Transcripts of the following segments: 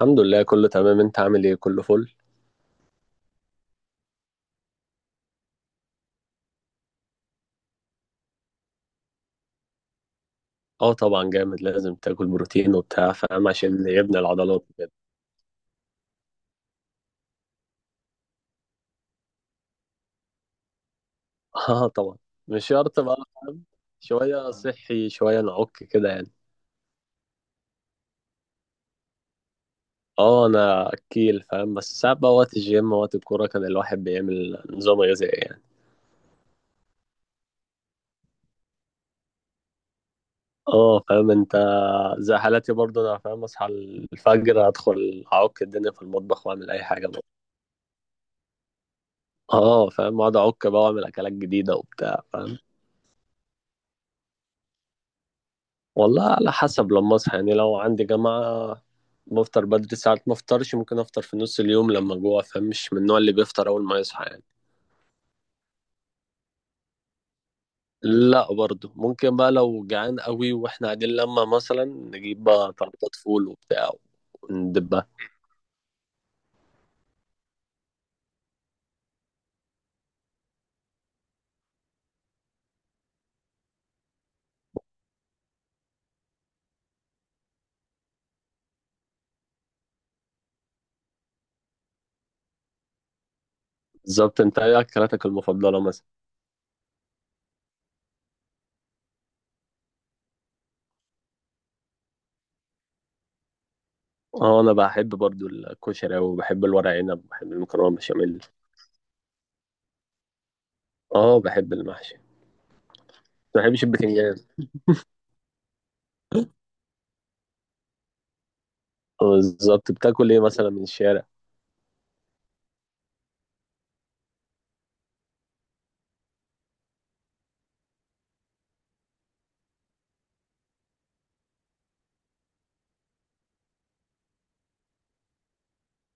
الحمد لله، كله تمام. انت عامل ايه؟ كله فل. اه، طبعا جامد. لازم تاكل بروتين وبتاع، فاهم؟ عشان يبني العضلات كده. اه، طبعا. مش شرط بقى، فاهم؟ شوية صحي شوية نعك كده يعني. اه، انا اكيل فاهم. بس ساعات بقى وقت الجيم وقت الكورة كان الواحد بيعمل نظام غذائي يعني. اه، فاهم انت. زي حالاتي برضه، انا فاهم، اصحى الفجر ادخل اعك الدنيا في المطبخ واعمل اي حاجة بقى. اه، فاهم. اقعد اعك بقى واعمل اكلات جديدة وبتاع، فاهم؟ والله على حسب لما اصحى يعني، لو عندي جامعة. بفطر بدري. ساعات ما افطرش، ممكن افطر في نص اليوم لما جوع، فاهم؟ مش من النوع اللي بيفطر اول ما يصحى يعني. لا، برضه ممكن بقى لو جعان قوي واحنا قاعدين، لما مثلا نجيب بقى طلبات فول وبتاع وندبها. بالظبط. انت ايه اكلاتك المفضلة مثلا؟ اه، انا بحب برضه الكشري اوي، وبحب الورق عنب، وبحب المكرونة بشاميل. اه، بحب المحشي. ما بحبش البتنجان. بالظبط. بتاكل ايه مثلا من الشارع؟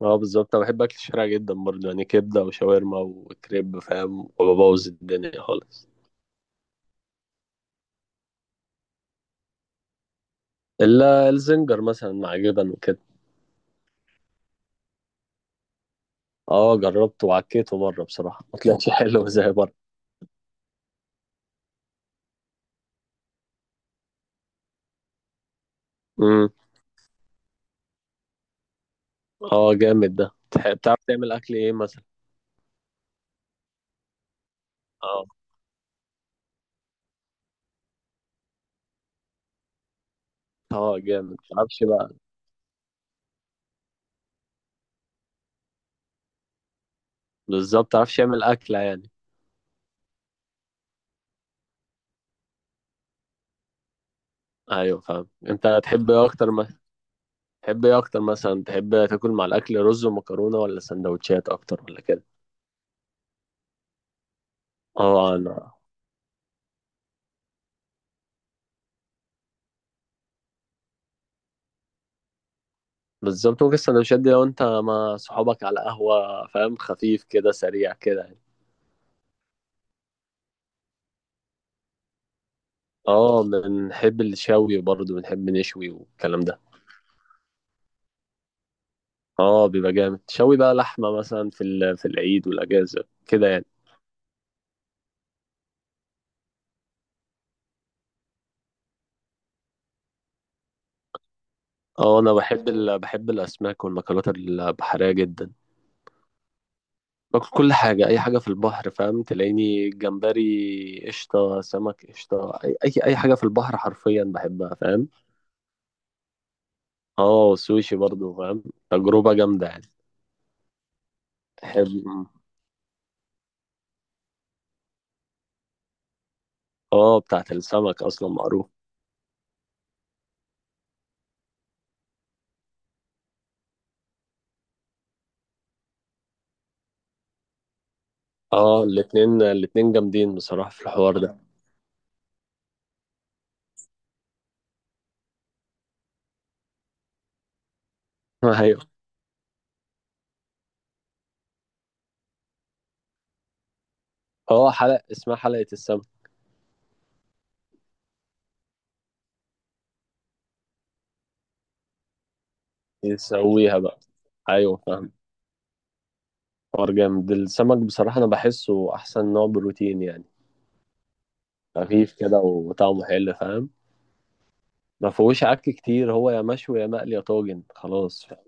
اه، بالظبط. انا بحب اكل الشارع جدا برضه يعني، كبده وشاورما وكريب، فاهم؟ وببوظ الدنيا خالص. الا الزنجر مثلا مع جبن وكده. اه، جربته وعكيته مره بصراحه ما طلعش حلو زي بره. امم. اه، جامد ده. بتعرف تعمل اكل ايه مثلا؟ اه، اه، جامد. متعرفش بقى. بالظبط. متعرفش تعمل اكله يعني؟ ايوه، فاهم. انت تحب ايه اكتر ما تحب ايه اكتر مثلا، تحب تاكل مع الاكل رز ومكرونه ولا سندوتشات اكتر ولا كده؟ اه انا بالظبط. ممكن السندوتشات دي لو انت مع صحابك على قهوة، فاهم؟ خفيف كده سريع كده يعني. اه، بنحب الشوي برضه، بنحب نشوي والكلام ده. اه، بيبقى جامد. شوي بقى لحمة مثلا في العيد والأجازة كده يعني. اه، انا بحب بحب الأسماك والمأكولات البحرية جدا. باكل كل حاجة، أي حاجة في البحر، فاهم؟ تلاقيني جمبري قشطة، سمك قشطة، أي حاجة في البحر حرفيا بحبها، فاهم؟ اه، والسوشي برضه، فاهم؟ تجربة جامدة يعني. بحب. اه، بتاعت السمك اصلا معروف. اه، الاتنين الاتنين جامدين بصراحة في الحوار ده. ايوه. اه، حلقة اسمها حلقة السمك. يسويها بقى. ايوه، فاهم. حوار جامد. السمك بصراحة انا بحسه احسن نوع بروتين يعني. خفيف كده وطعمه حلو، فاهم؟ ما فيهوش عك كتير، هو يا مشوي يا مقلي يا طاجن خلاص، فاهم؟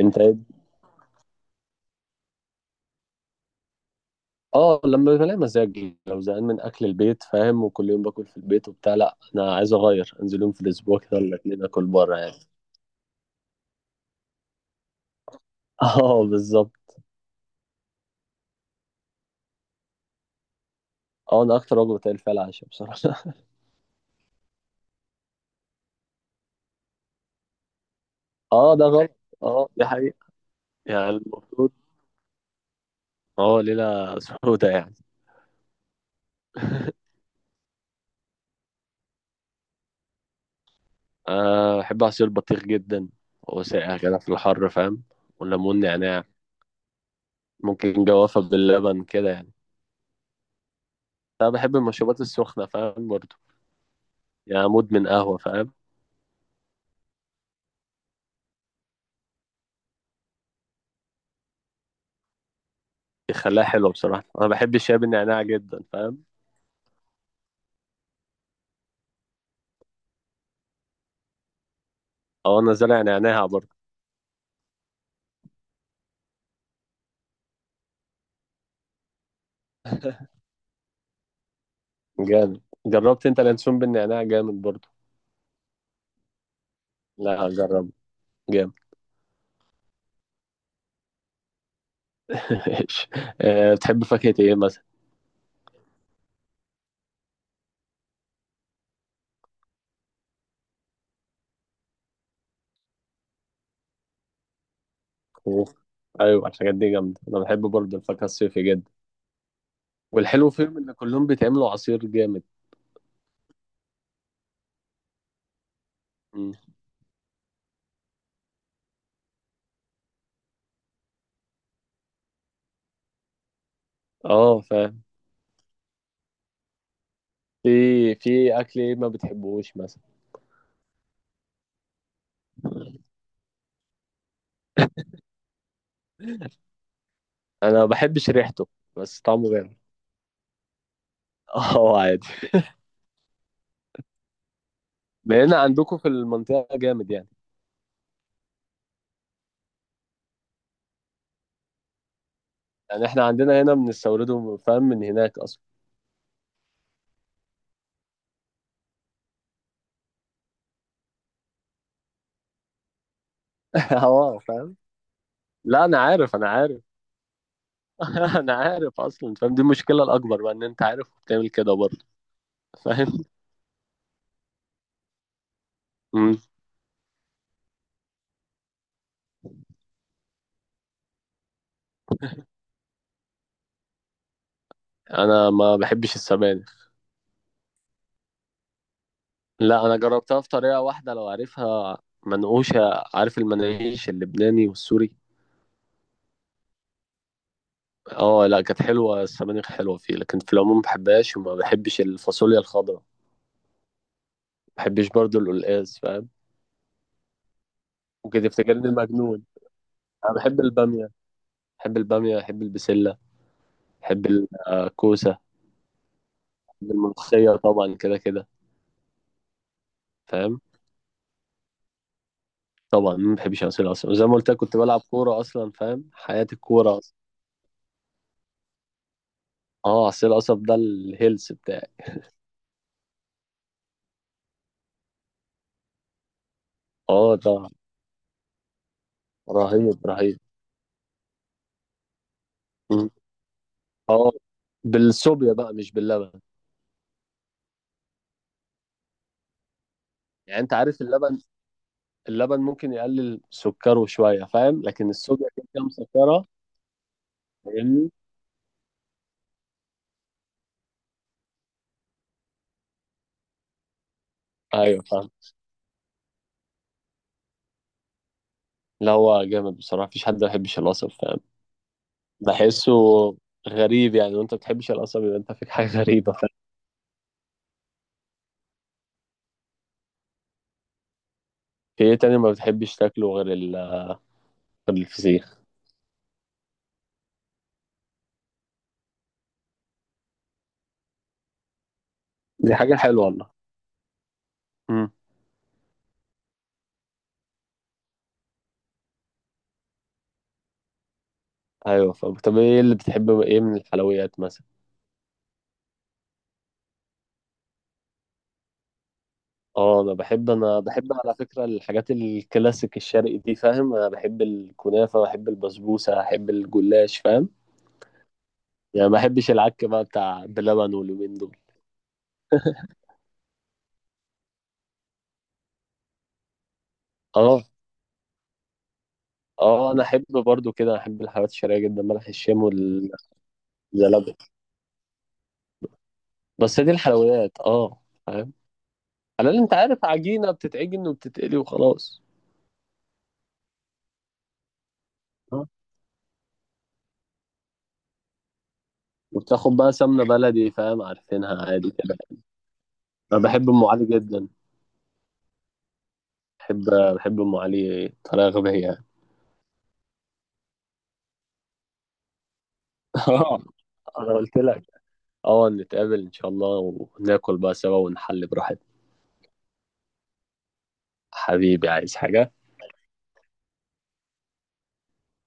انت إيه؟ اه، لما بلاقي مزاج لو زهقان من اكل البيت فاهم، وكل يوم باكل في البيت وبتاع، لا انا عايز اغير، انزل يوم في الاسبوع كده ولا اتنين اكل بره يعني. اه، بالظبط. اه، ده اكتر وجبه قليل فيها العشاء بصراحه. اه، ده غلط. اه، دي حقيقه. يعني المفروض. اه، ليله سودة يعني. أه، بحب عصير البطيخ جدا. هو ساقع كده في الحر، فاهم؟ والليمون نعناع. ممكن جوافة باللبن كده يعني. أنا بحب المشروبات السخنة فاهم برضه. يعني مدمن قهوة، فاهم؟ بيخليها حلوة بصراحة. أنا بحب الشاي بالنعناع جدا، فاهم؟ أو أنا زارع نعناع برضه. جامد. جربت أنت اليانسون بالنعناع؟ جامد برضه. لا، جرب. جامد. ماشي. أه، بتحب فاكهة إيه؟ أوف. ايوه، الحاجات دي جامده. انا بحب برضه الفاكهه الصيفي جدا. والحلو فيهم ان كلهم بيتعملوا عصير جامد. مم. اه، فاهم. في في اكل ايه ما بتحبوش مثلا؟ انا ما بحبش ريحته. بس طعمه جامد. اه، عادي. بقينا عندكم في المنطقه جامد يعني. يعني احنا عندنا هنا بنستورده فاهم، من هناك اصلا. اه، فاهم. لا، انا عارف انا عارف. انا عارف اصلا، فاهم؟ دي المشكله الاكبر بقى، ان انت عارف وبتعمل كده برضه. فاهم. مم. انا ما بحبش السبانخ. لا، انا جربتها في طريقه واحده لو عارفها. منقوشه. عارف المناقيش اللبناني والسوري؟ اه لا، كانت حلوه، السبانخ حلوه فيه لكن في العموم ما بحبهاش، وما بحبش الفاصوليا الخضراء، ما بحبش برضو القلقاس، فاهم؟ ممكن تفتكرني مجنون. انا بحب الباميه. بحب الباميه، بحب البسله. بحب الكوسه. بحب الملوخيه طبعا كده كده. فاهم. طبعا، ما بحبش عصير القصب زي ما قلت لك، كنت بلعب كوره اصلا، فاهم؟ حياتي الكوره اصلا. اه، عصير القصب ده الهيلث بتاعي. اه، ده رهيب رهيب. اه، بالصوبيا بقى مش باللبن. يعني انت عارف اللبن. اللبن ممكن يقلل سكره شويه، فاهم؟ لكن الصوبيا كده كده مسكره. فاهمني؟ ايوه، فاهم. لا، هو جامد بصراحه، مفيش حد ما بيحبش القصب، فاهم؟ بحسه غريب يعني، وانت ما بتحبش القصب يبقى انت فيك حاجه غريبه، فاهم؟ في ايه تاني ما بتحبش تاكله غير غير الفسيخ؟ دي حاجه حلوه والله. امم. ايوه، فاهم. طب ايه اللي بتحبه ايه من الحلويات مثلا؟ اه، انا بحب على فكره الحاجات الكلاسيك الشرقي دي، فاهم؟ انا بحب الكنافه، بحب البسبوسه، بحب الجلاش، فاهم؟ يعني ما بحبش العك بقى بتاع بلبن واليومين دول. اه، اه، انا احب برضو كده، احب الحلويات الشرقيه جدا، ملح الشام والزلابيه. بس دي الحلويات اه فاهم. على اللي انت عارف، عجينه بتتعجن وبتتقلي وخلاص. آه. وبتاخد بقى سمنه بلدي، فاهم؟ عارفينها عادي كده. انا بحب ام علي جدا. بحب. بحب ام علي بطريقه غبيه. اه. انا قلت لك. اه، نتقابل ان شاء الله. وناكل بقى سوا ونحل براحتنا. حبيبي عايز حاجة؟